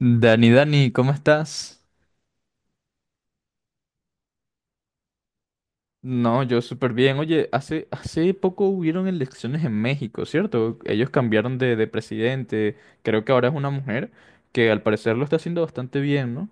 Dani, Dani, ¿cómo estás? No, yo súper bien. Oye, hace poco hubieron elecciones en México, ¿cierto? Ellos cambiaron de presidente. Creo que ahora es una mujer que al parecer lo está haciendo bastante bien, ¿no?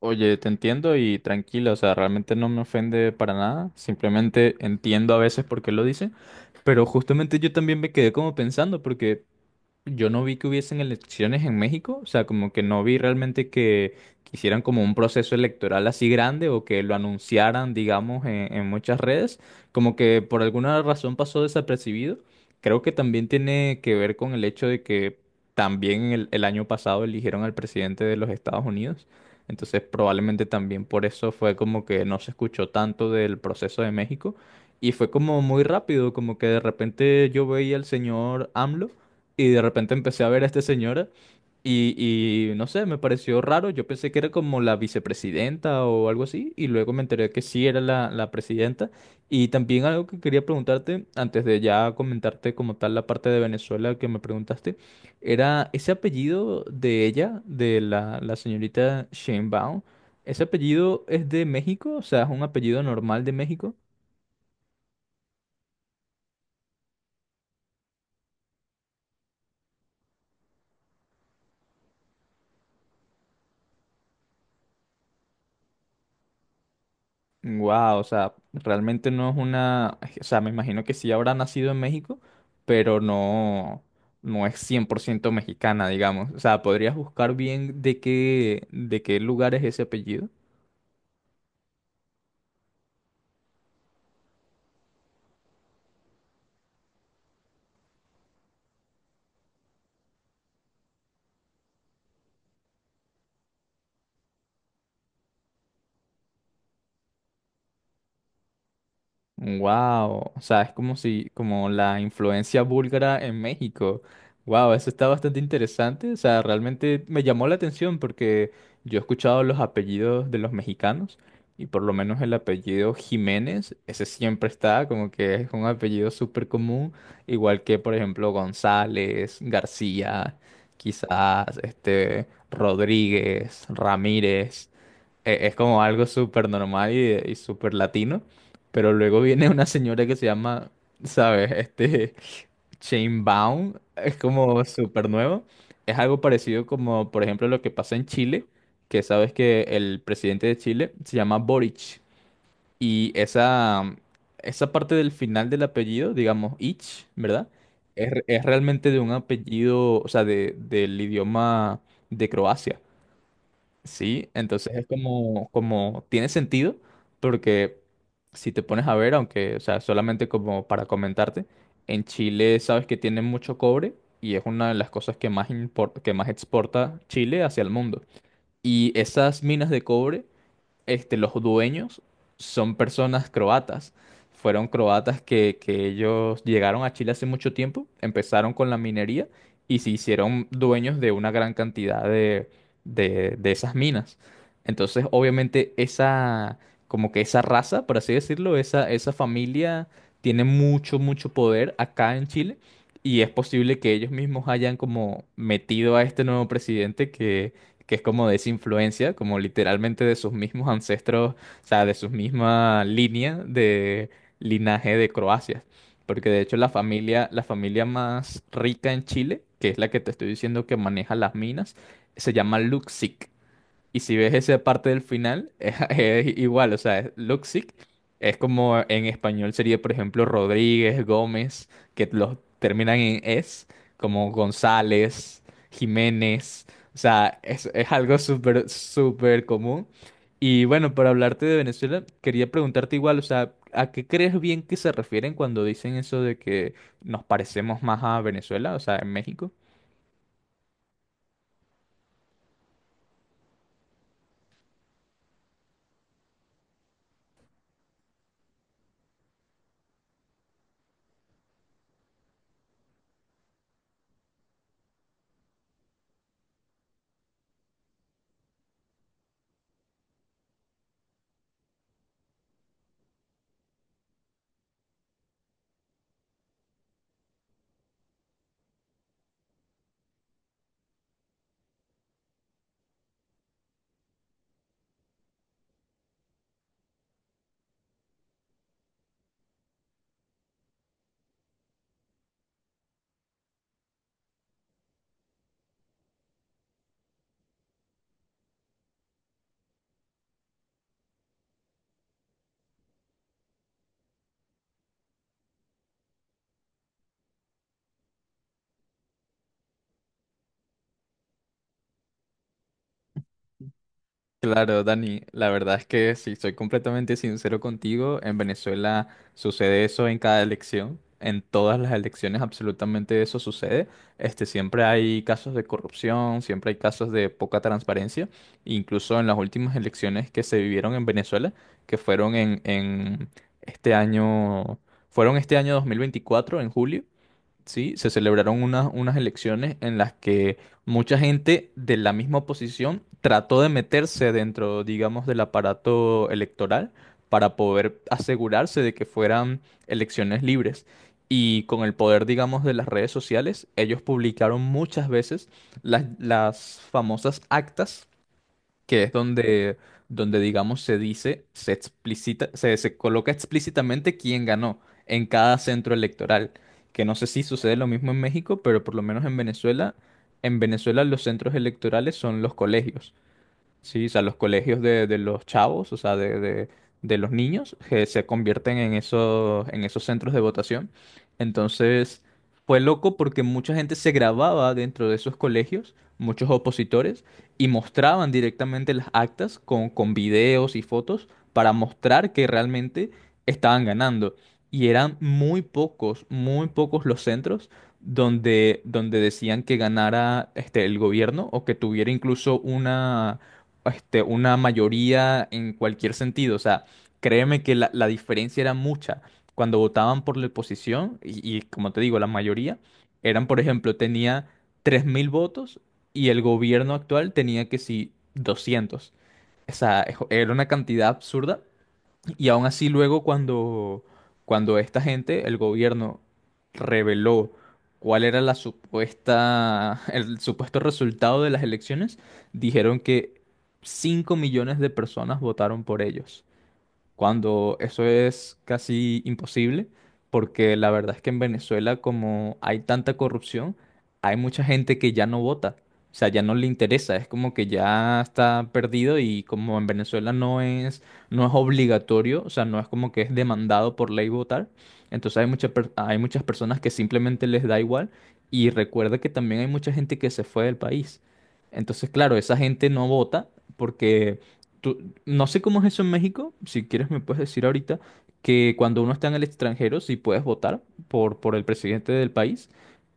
Oye, te entiendo y tranquila, o sea, realmente no me ofende para nada. Simplemente entiendo a veces por qué lo dice. Pero justamente yo también me quedé como pensando, porque yo no vi que hubiesen elecciones en México, o sea, como que no vi realmente que hicieran como un proceso electoral así grande o que lo anunciaran, digamos, en muchas redes, como que por alguna razón pasó desapercibido. Creo que también tiene que ver con el hecho de que también el año pasado eligieron al presidente de los Estados Unidos, entonces probablemente también por eso fue como que no se escuchó tanto del proceso de México y fue como muy rápido, como que de repente yo veía al señor AMLO. Y de repente empecé a ver a esta señora y, no sé, me pareció raro. Yo pensé que era como la vicepresidenta o algo así y luego me enteré que sí era la presidenta. Y también algo que quería preguntarte, antes de ya comentarte como tal la parte de Venezuela que me preguntaste, era ese apellido de ella, de la señorita Sheinbaum, ¿ese apellido es de México? O sea, ¿es un apellido normal de México? Wow, o sea, realmente no es una, o sea, me imagino que sí habrá nacido en México, pero no, no es 100% mexicana, digamos. O sea, ¿podrías buscar bien de qué lugar es ese apellido? Wow, o sea, es como si, como la influencia búlgara en México. Wow, eso está bastante interesante. O sea, realmente me llamó la atención porque yo he escuchado los apellidos de los mexicanos y por lo menos el apellido Jiménez, ese siempre está, como que es un apellido súper común, igual que por ejemplo González, García, quizás, este, Rodríguez, Ramírez. Es como algo súper normal y súper latino, pero luego viene una señora que se llama, ¿sabes? Este, Baum, es como súper nuevo. Es algo parecido como, por ejemplo, lo que pasa en Chile, que sabes que el presidente de Chile se llama Boric. Y esa parte del final del apellido, digamos, Ich, ¿verdad? Es realmente de un apellido, o sea, del idioma de Croacia. Sí, entonces es como, como tiene sentido, porque si te pones a ver, aunque, o sea, solamente como para comentarte, en Chile sabes que tiene mucho cobre y es una de las cosas que más que más exporta Chile hacia el mundo. Y esas minas de cobre, este, los dueños son personas croatas. Fueron croatas que ellos llegaron a Chile hace mucho tiempo, empezaron con la minería y se hicieron dueños de una gran cantidad de esas minas. Entonces, obviamente, como que esa raza, por así decirlo, esa familia tiene mucho, mucho poder acá en Chile. Y es posible que ellos mismos hayan como metido a este nuevo presidente que es como de esa influencia, como literalmente de sus mismos ancestros, o sea, de su misma línea de linaje de Croacia. Porque de hecho la familia más rica en Chile, que es la que te estoy diciendo que maneja las minas, se llama Luxic. Y si ves esa parte del final, es, igual, o sea, es Luxic, es como en español sería, por ejemplo, Rodríguez, Gómez, que los terminan en es, como González, Jiménez, o sea, es algo súper, súper común. Y bueno, para hablarte de Venezuela, quería preguntarte igual, o sea, ¿a qué crees bien que se refieren cuando dicen eso de que nos parecemos más a Venezuela, o sea, en México? Claro, Dani, la verdad es que si soy completamente sincero contigo, en Venezuela sucede eso en cada elección, en todas las elecciones absolutamente eso sucede. Este, siempre hay casos de corrupción, siempre hay casos de poca transparencia, incluso en las últimas elecciones que se vivieron en Venezuela, que fueron en este año, fueron este año 2024 en julio. ¿Sí? Se celebraron unas elecciones en las que mucha gente de la misma oposición trató de meterse dentro, digamos, del aparato electoral para poder asegurarse de que fueran elecciones libres. Y con el poder, digamos, de las redes sociales, ellos publicaron muchas veces las famosas actas que es donde, donde digamos, se dice, se explicita, se coloca explícitamente quién ganó en cada centro electoral. Que no sé si sucede lo mismo en México, pero por lo menos en Venezuela los centros electorales son los colegios. Sí, o sea, los colegios de los chavos, o sea, de los niños, que se convierten en esos centros de votación. Entonces, fue loco porque mucha gente se grababa dentro de esos colegios, muchos opositores, y mostraban directamente las actas con videos y fotos para mostrar que realmente estaban ganando. Y eran muy pocos los centros donde decían que ganara este, el gobierno o que tuviera incluso una, este, una mayoría en cualquier sentido. O sea, créeme que la diferencia era mucha. Cuando votaban por la oposición, y, como te digo, la mayoría, eran, por ejemplo, tenía 3000 votos y el gobierno actual tenía que sí 200. O sea, ejo- era una cantidad absurda y aún así luego cuando esta gente, el gobierno, reveló cuál era la supuesta, el supuesto resultado de las elecciones, dijeron que 5 millones de personas votaron por ellos cuando eso es casi imposible, porque la verdad es que en Venezuela, como hay tanta corrupción, hay mucha gente que ya no vota, o sea, ya no le interesa, es como que ya está perdido y como en Venezuela no es obligatorio, o sea, no es como que es demandado por ley votar, entonces hay mucha per- hay muchas personas que simplemente les da igual y recuerda que también hay mucha gente que se fue del país. Entonces, claro, esa gente no vota porque tú- no sé cómo es eso en México, si quieres me puedes decir ahorita que cuando uno está en el extranjero sí puedes votar por el presidente del país,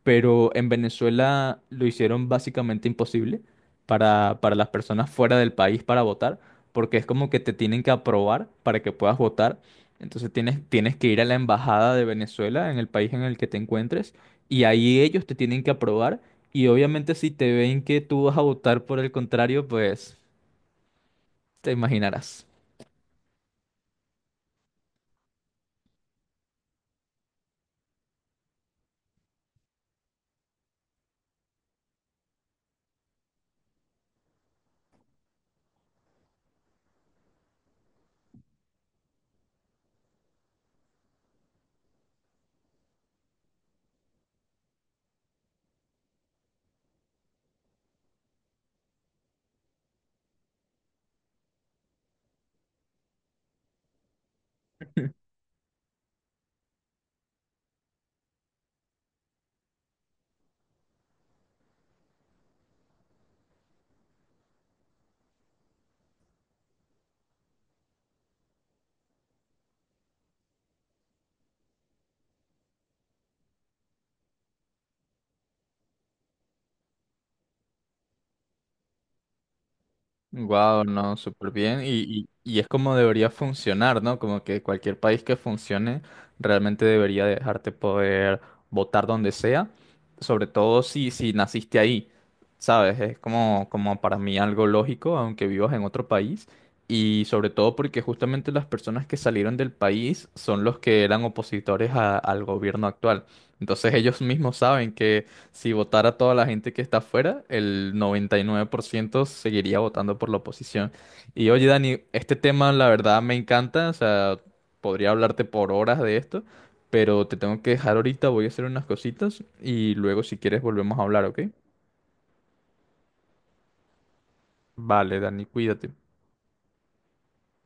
pero en Venezuela lo hicieron básicamente imposible para las personas fuera del país para votar, porque es como que te tienen que aprobar para que puedas votar, entonces tienes que ir a la embajada de Venezuela en el país en el que te encuentres y ahí ellos te tienen que aprobar y obviamente si te ven que tú vas a votar por el contrario, pues te imaginarás. Wow, no, súper bien. Y, es como debería funcionar, ¿no? Como que cualquier país que funcione realmente debería dejarte poder votar donde sea, sobre todo si, naciste ahí, ¿sabes? Es como, como para mí algo lógico, aunque vivas en otro país. Y sobre todo porque justamente las personas que salieron del país son los que eran opositores al gobierno actual. Entonces ellos mismos saben. Si votara toda la gente que está afuera, el 99% seguiría votando por la oposición. Y oye, Dani, este tema la verdad me encanta, o sea, podría hablarte por horas de esto, pero te tengo que dejar ahorita, voy a hacer unas cositas y luego si quieres volvemos a hablar, ¿ok? Vale, Dani, cuídate.